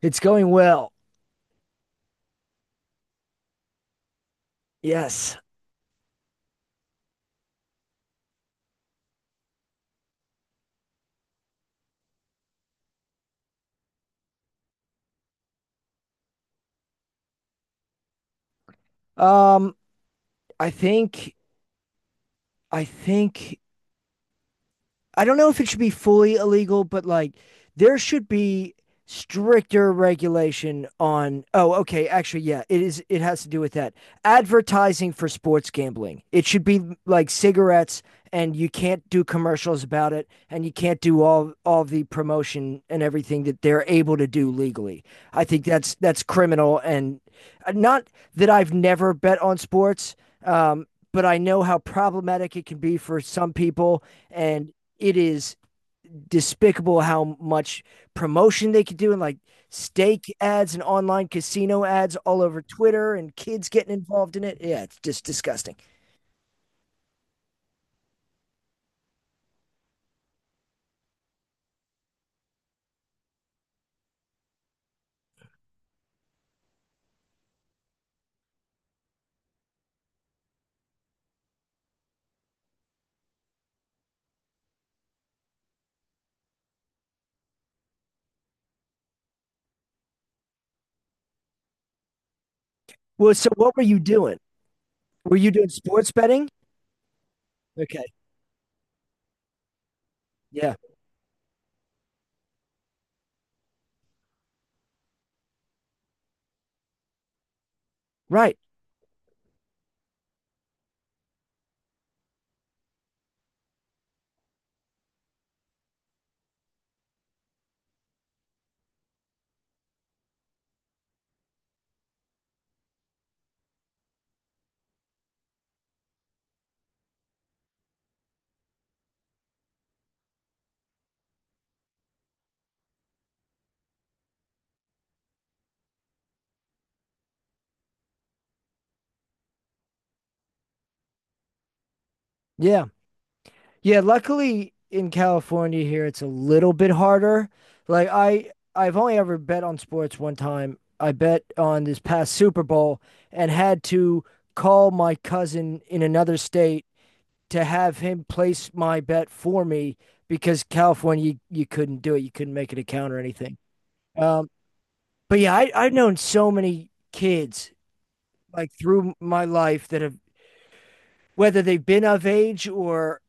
It's going well. Yes. Um, I think I think I don't know if it should be fully illegal, but like there should be stricter regulation on oh okay actually yeah it is it has to do with that advertising for sports gambling. It should be like cigarettes, and you can't do commercials about it, and you can't do all the promotion and everything that they're able to do legally. I think that's criminal. And not that I've never bet on sports. um but I know how problematic it can be for some people. And it is despicable how much promotion they could do, and like steak ads and online casino ads all over Twitter, and kids getting involved in it. Yeah, it's just disgusting. Well, so what were you doing? Were you doing sports betting? Okay. Yeah. Right. Yeah. Yeah. Luckily in California here, it's a little bit harder. Like I've only ever bet on sports one time. I bet on this past Super Bowl and had to call my cousin in another state to have him place my bet for me, because California, you couldn't do it. You couldn't make it a count or anything. Um, but yeah, I've known so many kids like through my life that have, whether they've been of age or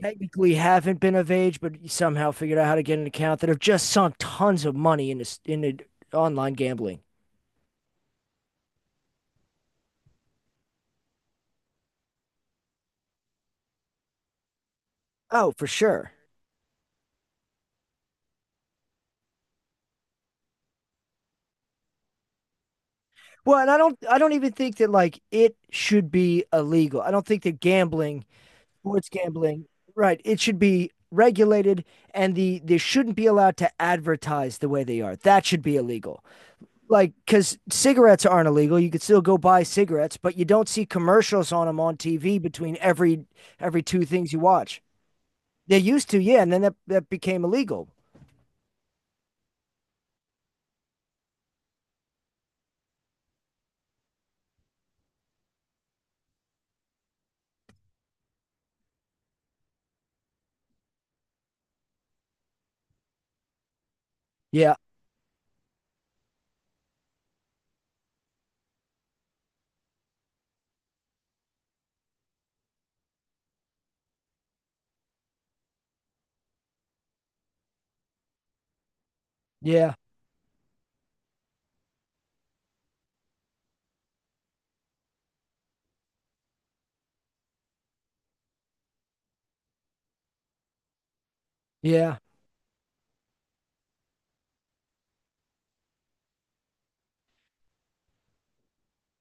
technically haven't been of age, but somehow figured out how to get an account, that have just sunk tons of money into online gambling. Oh, for sure. Well, and I don't even think that like it should be illegal. I don't think that gambling sports gambling. Right. It should be regulated, and they shouldn't be allowed to advertise the way they are. That should be illegal. Like cuz cigarettes aren't illegal. You could still go buy cigarettes, but you don't see commercials on them on TV between every two things you watch. They used to, yeah, and then that became illegal. Yeah. Yeah. Yeah.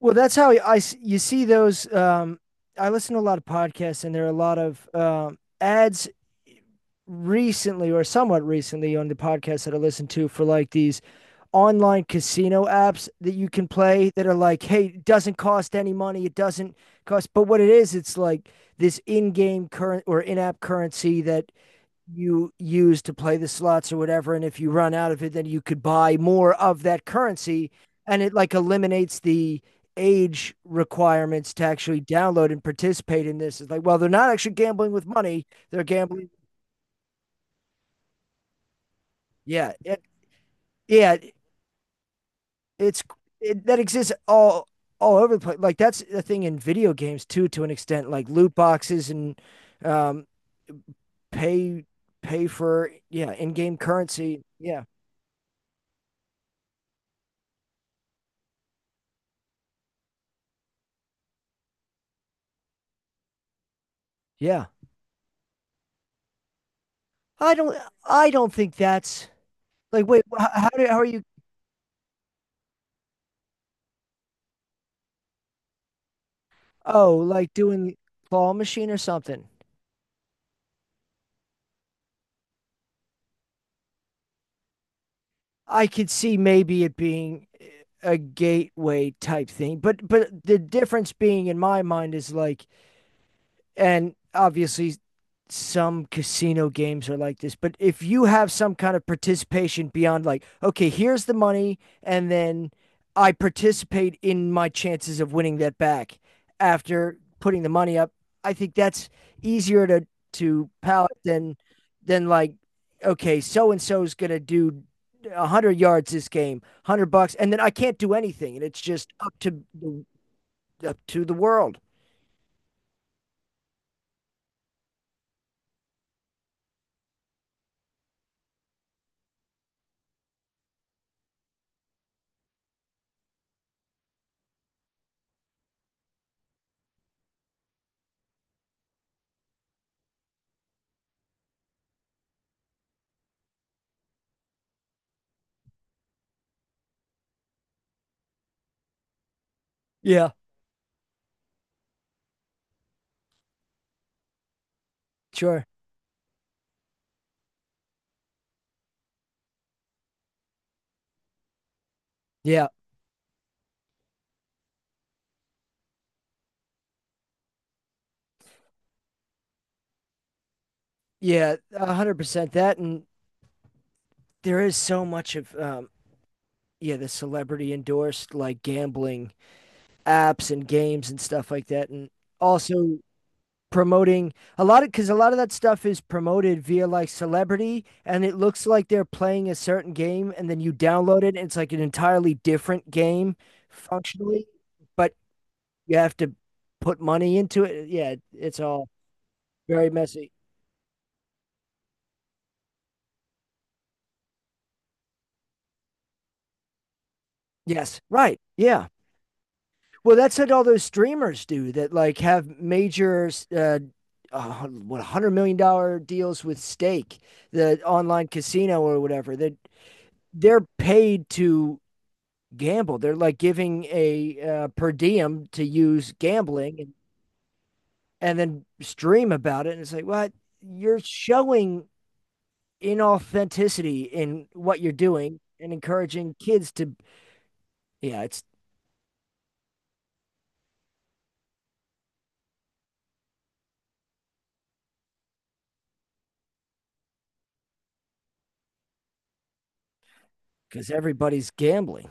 Well, that's how I you see those. I listen to a lot of podcasts, and there are a lot of ads recently or somewhat recently on the podcasts that I listen to, for like these online casino apps that you can play, that are like, hey, it doesn't cost any money. It doesn't cost. But what it is, it's like this in-game current or in-app currency that you use to play the slots or whatever. And if you run out of it, then you could buy more of that currency. And it like eliminates the age requirements to actually download and participate in this. It's like, well, they're not actually gambling with money. They're gambling. Yeah. Yeah. It's that exists all over the place. Like that's the thing in video games too, to an extent, like loot boxes and um, pay pay for yeah in-game currency. Yeah. Yeah. I don't I don't think that's. Like, wait, how are you? Oh, like doing claw machine or something. I could see maybe it being a gateway type thing, but the difference being in my mind is like, and obviously some casino games are like this, but if you have some kind of participation beyond like, okay, here's the money, and then I participate in my chances of winning that back after putting the money up, I think that's easier to palate than like, okay, so and so's gonna do a hundred yards this game, 100 bucks, and then I can't do anything, and it's just up to the world. Yeah, sure. Yeah. Yeah, 100% that, and there is so much of yeah, the celebrity endorsed like gambling apps and games and stuff like that, and also promoting a lot of, because a lot of that stuff is promoted via like celebrity, and it looks like they're playing a certain game, and then you download it, and it's like an entirely different game functionally, but you have to put money into it. Yeah, it's all very messy. Yes, right. Yeah. Well, that's what all those streamers do, that like have major uh, what $100 million deals with stake, the online casino or whatever. That they're paid to gamble. They're like giving a per diem to use gambling, and then stream about it. And it's like, what? Well, you're showing inauthenticity in what you're doing and encouraging kids to. Yeah, it's because everybody's gambling.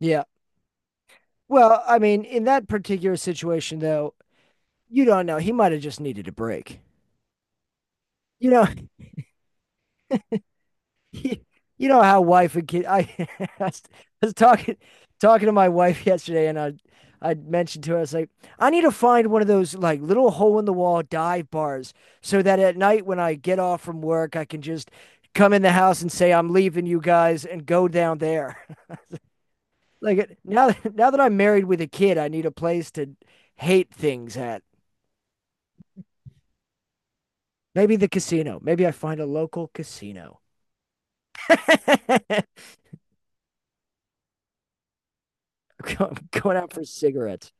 Yeah. Well, I mean, in that particular situation, though, you don't know. He might have just needed a break. You know, he, you know how wife and kid. I, I was talking to my wife yesterday, and I mentioned to her, I was like, I need to find one of those like little hole in the wall dive bars, so that at night when I get off from work, I can just come in the house and say I'm leaving you guys and go down there. Like now that I'm married with a kid, I need a place to hate things at. Maybe the casino. Maybe I find a local casino. I'm going out for cigarettes.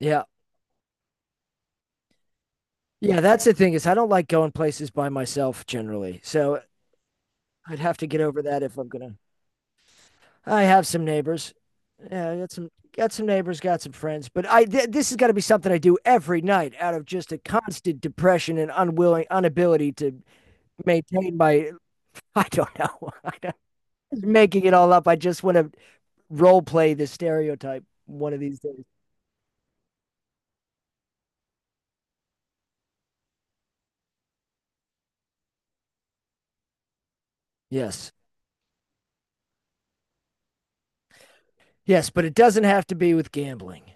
Yeah. Yeah, that's the thing is I don't like going places by myself generally. So I'd have to get over that if I'm gonna. I have some neighbors. Yeah, I got some neighbors, got some friends, but this has got to be something I do every night out of just a constant depression and unwilling inability to maintain my. I don't know. I am just making it all up. I just want to role play the stereotype one of these days. Yes. Yes, but it doesn't have to be with gambling.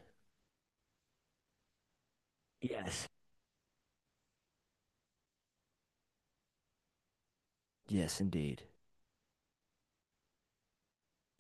Yes. Yes, indeed.